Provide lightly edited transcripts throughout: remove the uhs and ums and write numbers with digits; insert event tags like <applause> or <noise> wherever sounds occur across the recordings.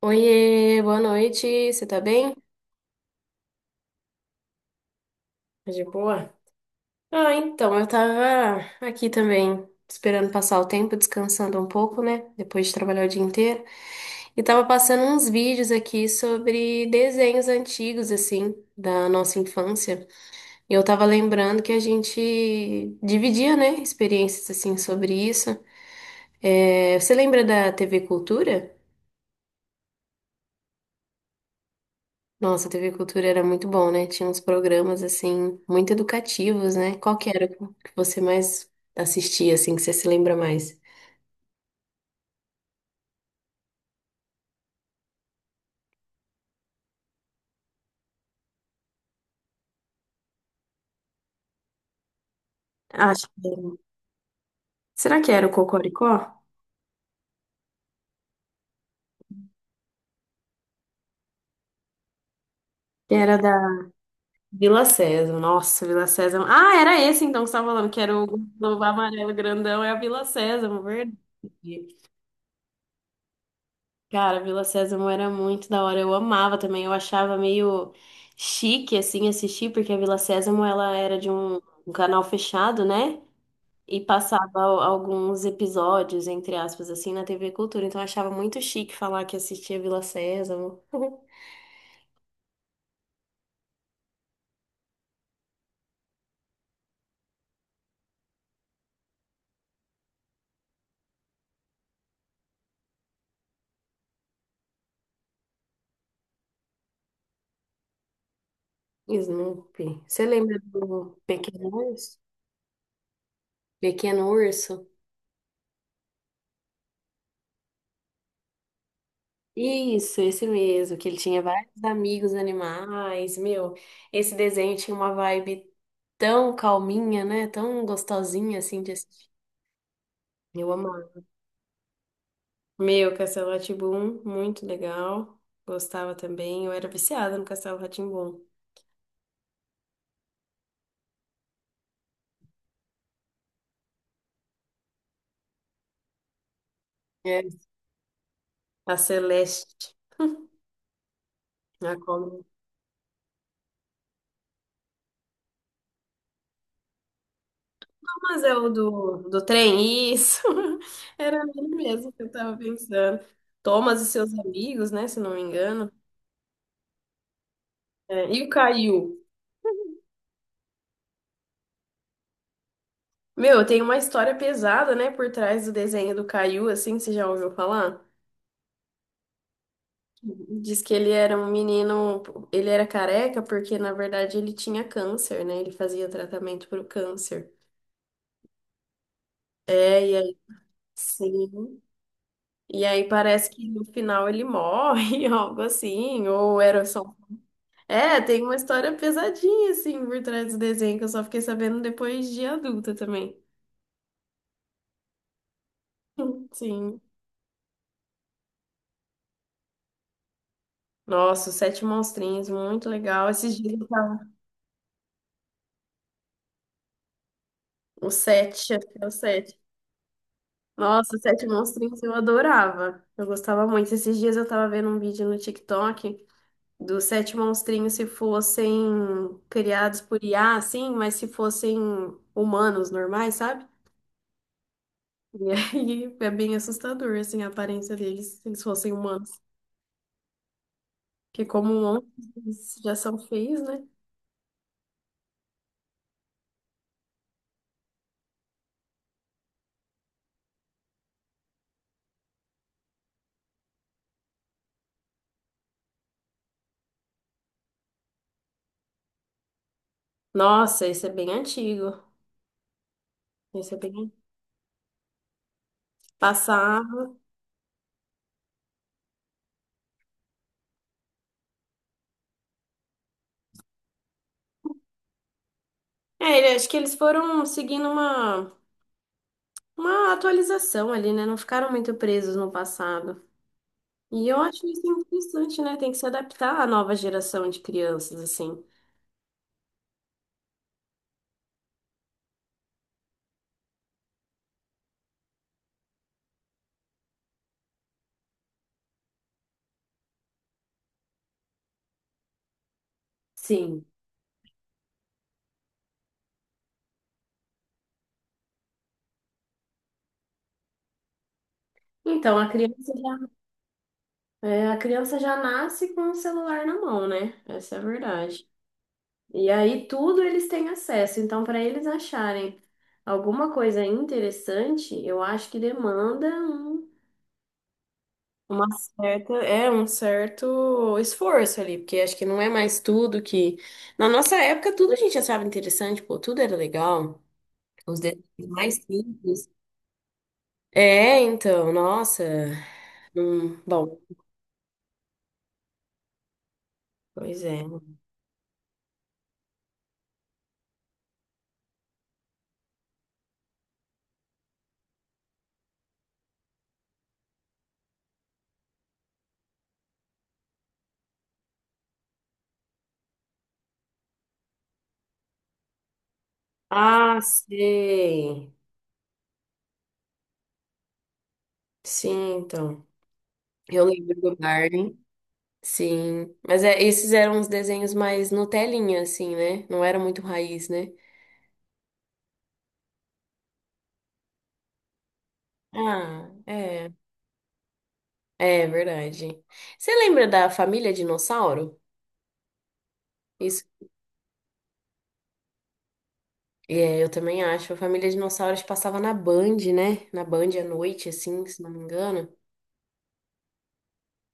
Oiê, boa noite, você tá bem? Tá, de boa? Ah, então, eu tava aqui também, esperando passar o tempo, descansando um pouco, né? Depois de trabalhar o dia inteiro. E tava passando uns vídeos aqui sobre desenhos antigos, assim, da nossa infância. E eu tava lembrando que a gente dividia, né, experiências, assim, sobre isso. É, você lembra da TV Cultura? Nossa, a TV Cultura era muito bom, né? Tinha uns programas, assim, muito educativos, né? Qual que era o que você mais assistia, assim, que você se lembra mais? Acho que. Será que era o Cocoricó? Que era da Vila Sésamo. Nossa, Vila Sésamo. Ah, era esse então que você estava falando, que era o Globo Amarelo Grandão, é a Vila Sésamo, verdade. Cara, Vila Sésamo era muito da hora. Eu amava também, eu achava meio chique, assim, assistir, porque a Vila Sésamo, ela era de um canal fechado, né? E passava alguns episódios, entre aspas, assim, na TV Cultura. Então eu achava muito chique falar que assistia Vila Sésamo. <laughs> Snoopy. Você lembra do Pequeno Urso? Pequeno Urso? Isso, esse mesmo, que ele tinha vários amigos animais. Meu, esse desenho tinha uma vibe tão calminha, né? Tão gostosinha, assim, de assistir. Eu amava. Meu, Castelo rá muito legal. Gostava também. Eu era viciada no Castelo rá. A Celeste, a Colônia. Mas é o do trem, isso. <laughs> Era ele mesmo que eu tava pensando. Thomas e seus amigos, né? Se não me engano. É, e o Caio? Meu, tem uma história pesada, né? Por trás do desenho do Caio, assim, você já ouviu falar? Diz que ele era um menino, ele era careca porque, na verdade, ele tinha câncer, né? Ele fazia tratamento pro câncer. É, e aí, sim. E aí parece que no final ele morre, <laughs> algo assim, ou era só, um. É, tem uma história pesadinha, assim, por trás do desenho, que eu só fiquei sabendo depois de adulta também. <laughs> Sim. Nossa, os Sete Monstrinhos, muito legal. Esses dias eu tava- O Sete, acho que é o Sete. Nossa, os Sete Monstrinhos eu adorava. Eu gostava muito. Esses dias eu tava vendo um vídeo no TikTok dos Sete Monstrinhos se fossem criados por IA, assim, mas se fossem humanos normais, sabe? E aí é bem assustador, assim, a aparência deles, se eles fossem humanos. Porque como ontem já são feios, né? Nossa, esse é bem antigo. Esse é bem passado. É, acho que eles foram seguindo uma atualização ali, né? Não ficaram muito presos no passado. E eu acho isso interessante, né? Tem que se adaptar à nova geração de crianças, assim. Sim. Então, a criança já nasce com o celular na mão, né? Essa é a verdade. E aí tudo eles têm acesso. Então, para eles acharem alguma coisa interessante, eu acho que demanda um- uma certa, é um certo esforço ali, porque acho que não é mais tudo que na nossa época tudo a gente achava interessante, pô, tudo era legal. Os detalhes mais simples. É, então, nossa. Bom, pois é. Ah, sei. Sim, então. Eu lembro do Barney. Sim, mas é, esses eram os desenhos mais Nutelinha, assim, né? Não era muito raiz, né? Ah, é, é verdade. Você lembra da Família Dinossauro? Isso, é, eu também acho. A Família Dinossauro acho que passava na Band, né? Na Band à noite, assim, se não me engano.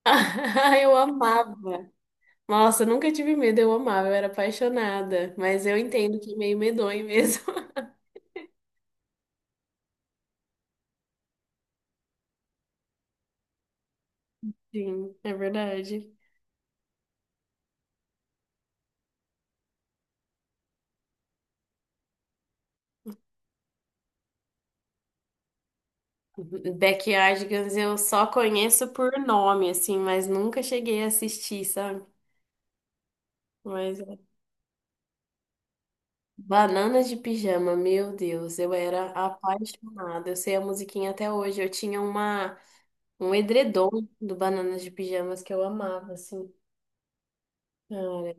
<laughs> Eu amava. Nossa, eu nunca tive medo, eu amava, eu era apaixonada. Mas eu entendo que é meio medonho mesmo. <laughs> Sim, é verdade. Backyardigans eu só conheço por nome, assim, mas nunca cheguei a assistir, sabe? Mas Bananas de Pijama, meu Deus, eu era apaixonada. Eu sei a musiquinha até hoje. Eu tinha uma um edredom do Bananas de Pijamas que eu amava, assim. Cara,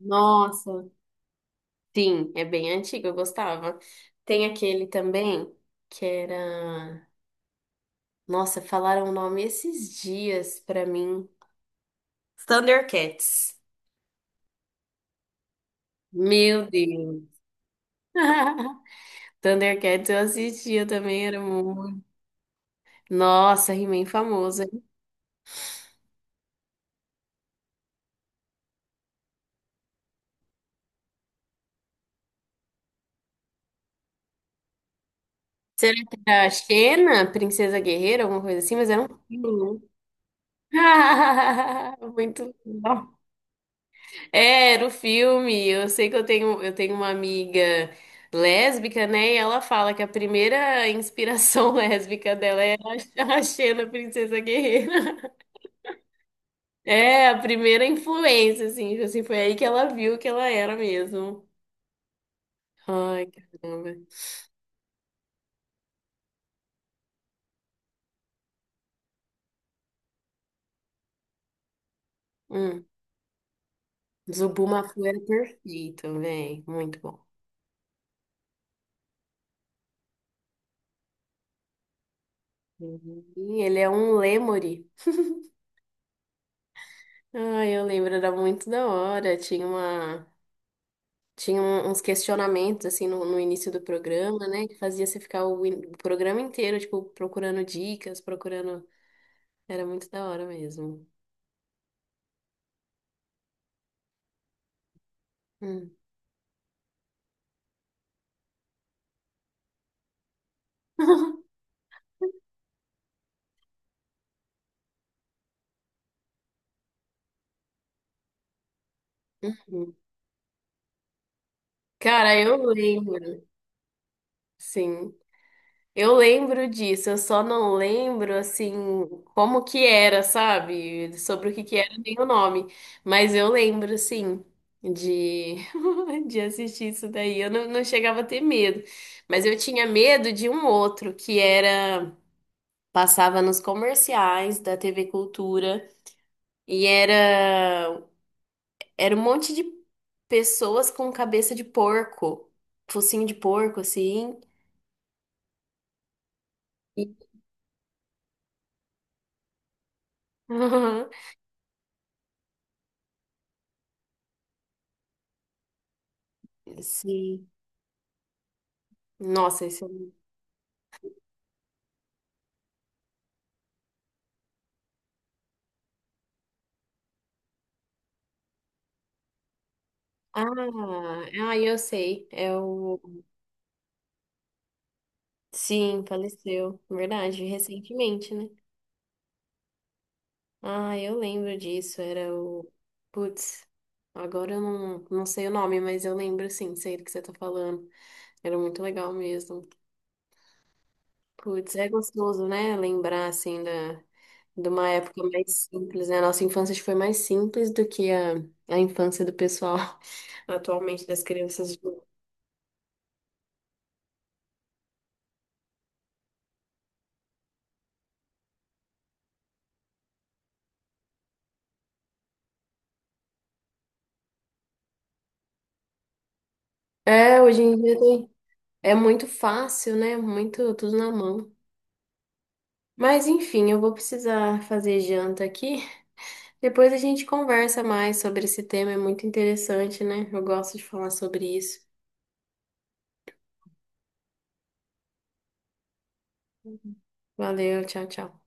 nossa, sim, é bem antigo, eu gostava. Tem aquele também que era, nossa, falaram o nome esses dias pra mim. Thundercats. Meu Deus. <laughs> Thundercats eu assistia também, era muito. Nossa, He-Man famoso, hein? Será que era a Xena, Princesa Guerreira, alguma coisa assim? Mas era um filme. <laughs> Muito bom. É, era o filme. Eu sei que eu tenho uma amiga lésbica, né? E ela fala que a primeira inspiração <laughs> lésbica dela é a Xena, Princesa Guerreira. <laughs> É, a primeira influência, assim, foi aí que ela viu que ela era mesmo. Ai, caramba. Hum, Zubuma Fu é perfeito, velho. Muito bom. E ele é um lêmure. Ah, eu lembro, era muito da hora. Tinha uns questionamentos assim no início do programa, né? Que fazia você ficar o programa inteiro, tipo, procurando dicas, procurando. Era muito da hora mesmo. Hum. <laughs> Cara, eu lembro. Sim. Eu lembro disso, eu só não lembro assim como que era, sabe? Sobre o que que era nem o nome, mas eu lembro assim de <laughs> de assistir isso daí. Eu não, não chegava a ter medo, mas eu tinha medo de um outro que era passava nos comerciais da TV Cultura e era um monte de pessoas com cabeça de porco, focinho de porco assim. E- <laughs> Sim. Nossa, esse é. Ah, ah, eu sei. É o. Sim, faleceu. Verdade, recentemente, né? Ah, eu lembro disso. Era o. Putz, agora eu não, não sei o nome, mas eu lembro sim, sei do que você tá falando. Era muito legal mesmo. Putz, é gostoso, né? Lembrar, assim, de uma época mais simples, né? A nossa infância acho que foi mais simples do que a infância do pessoal <laughs> atualmente das crianças. Hoje. É, hoje em dia tem. É muito fácil, né? Muito tudo na mão. Mas enfim, eu vou precisar fazer janta aqui. Depois a gente conversa mais sobre esse tema, é muito interessante, né? Eu gosto de falar sobre isso. Valeu, tchau, tchau.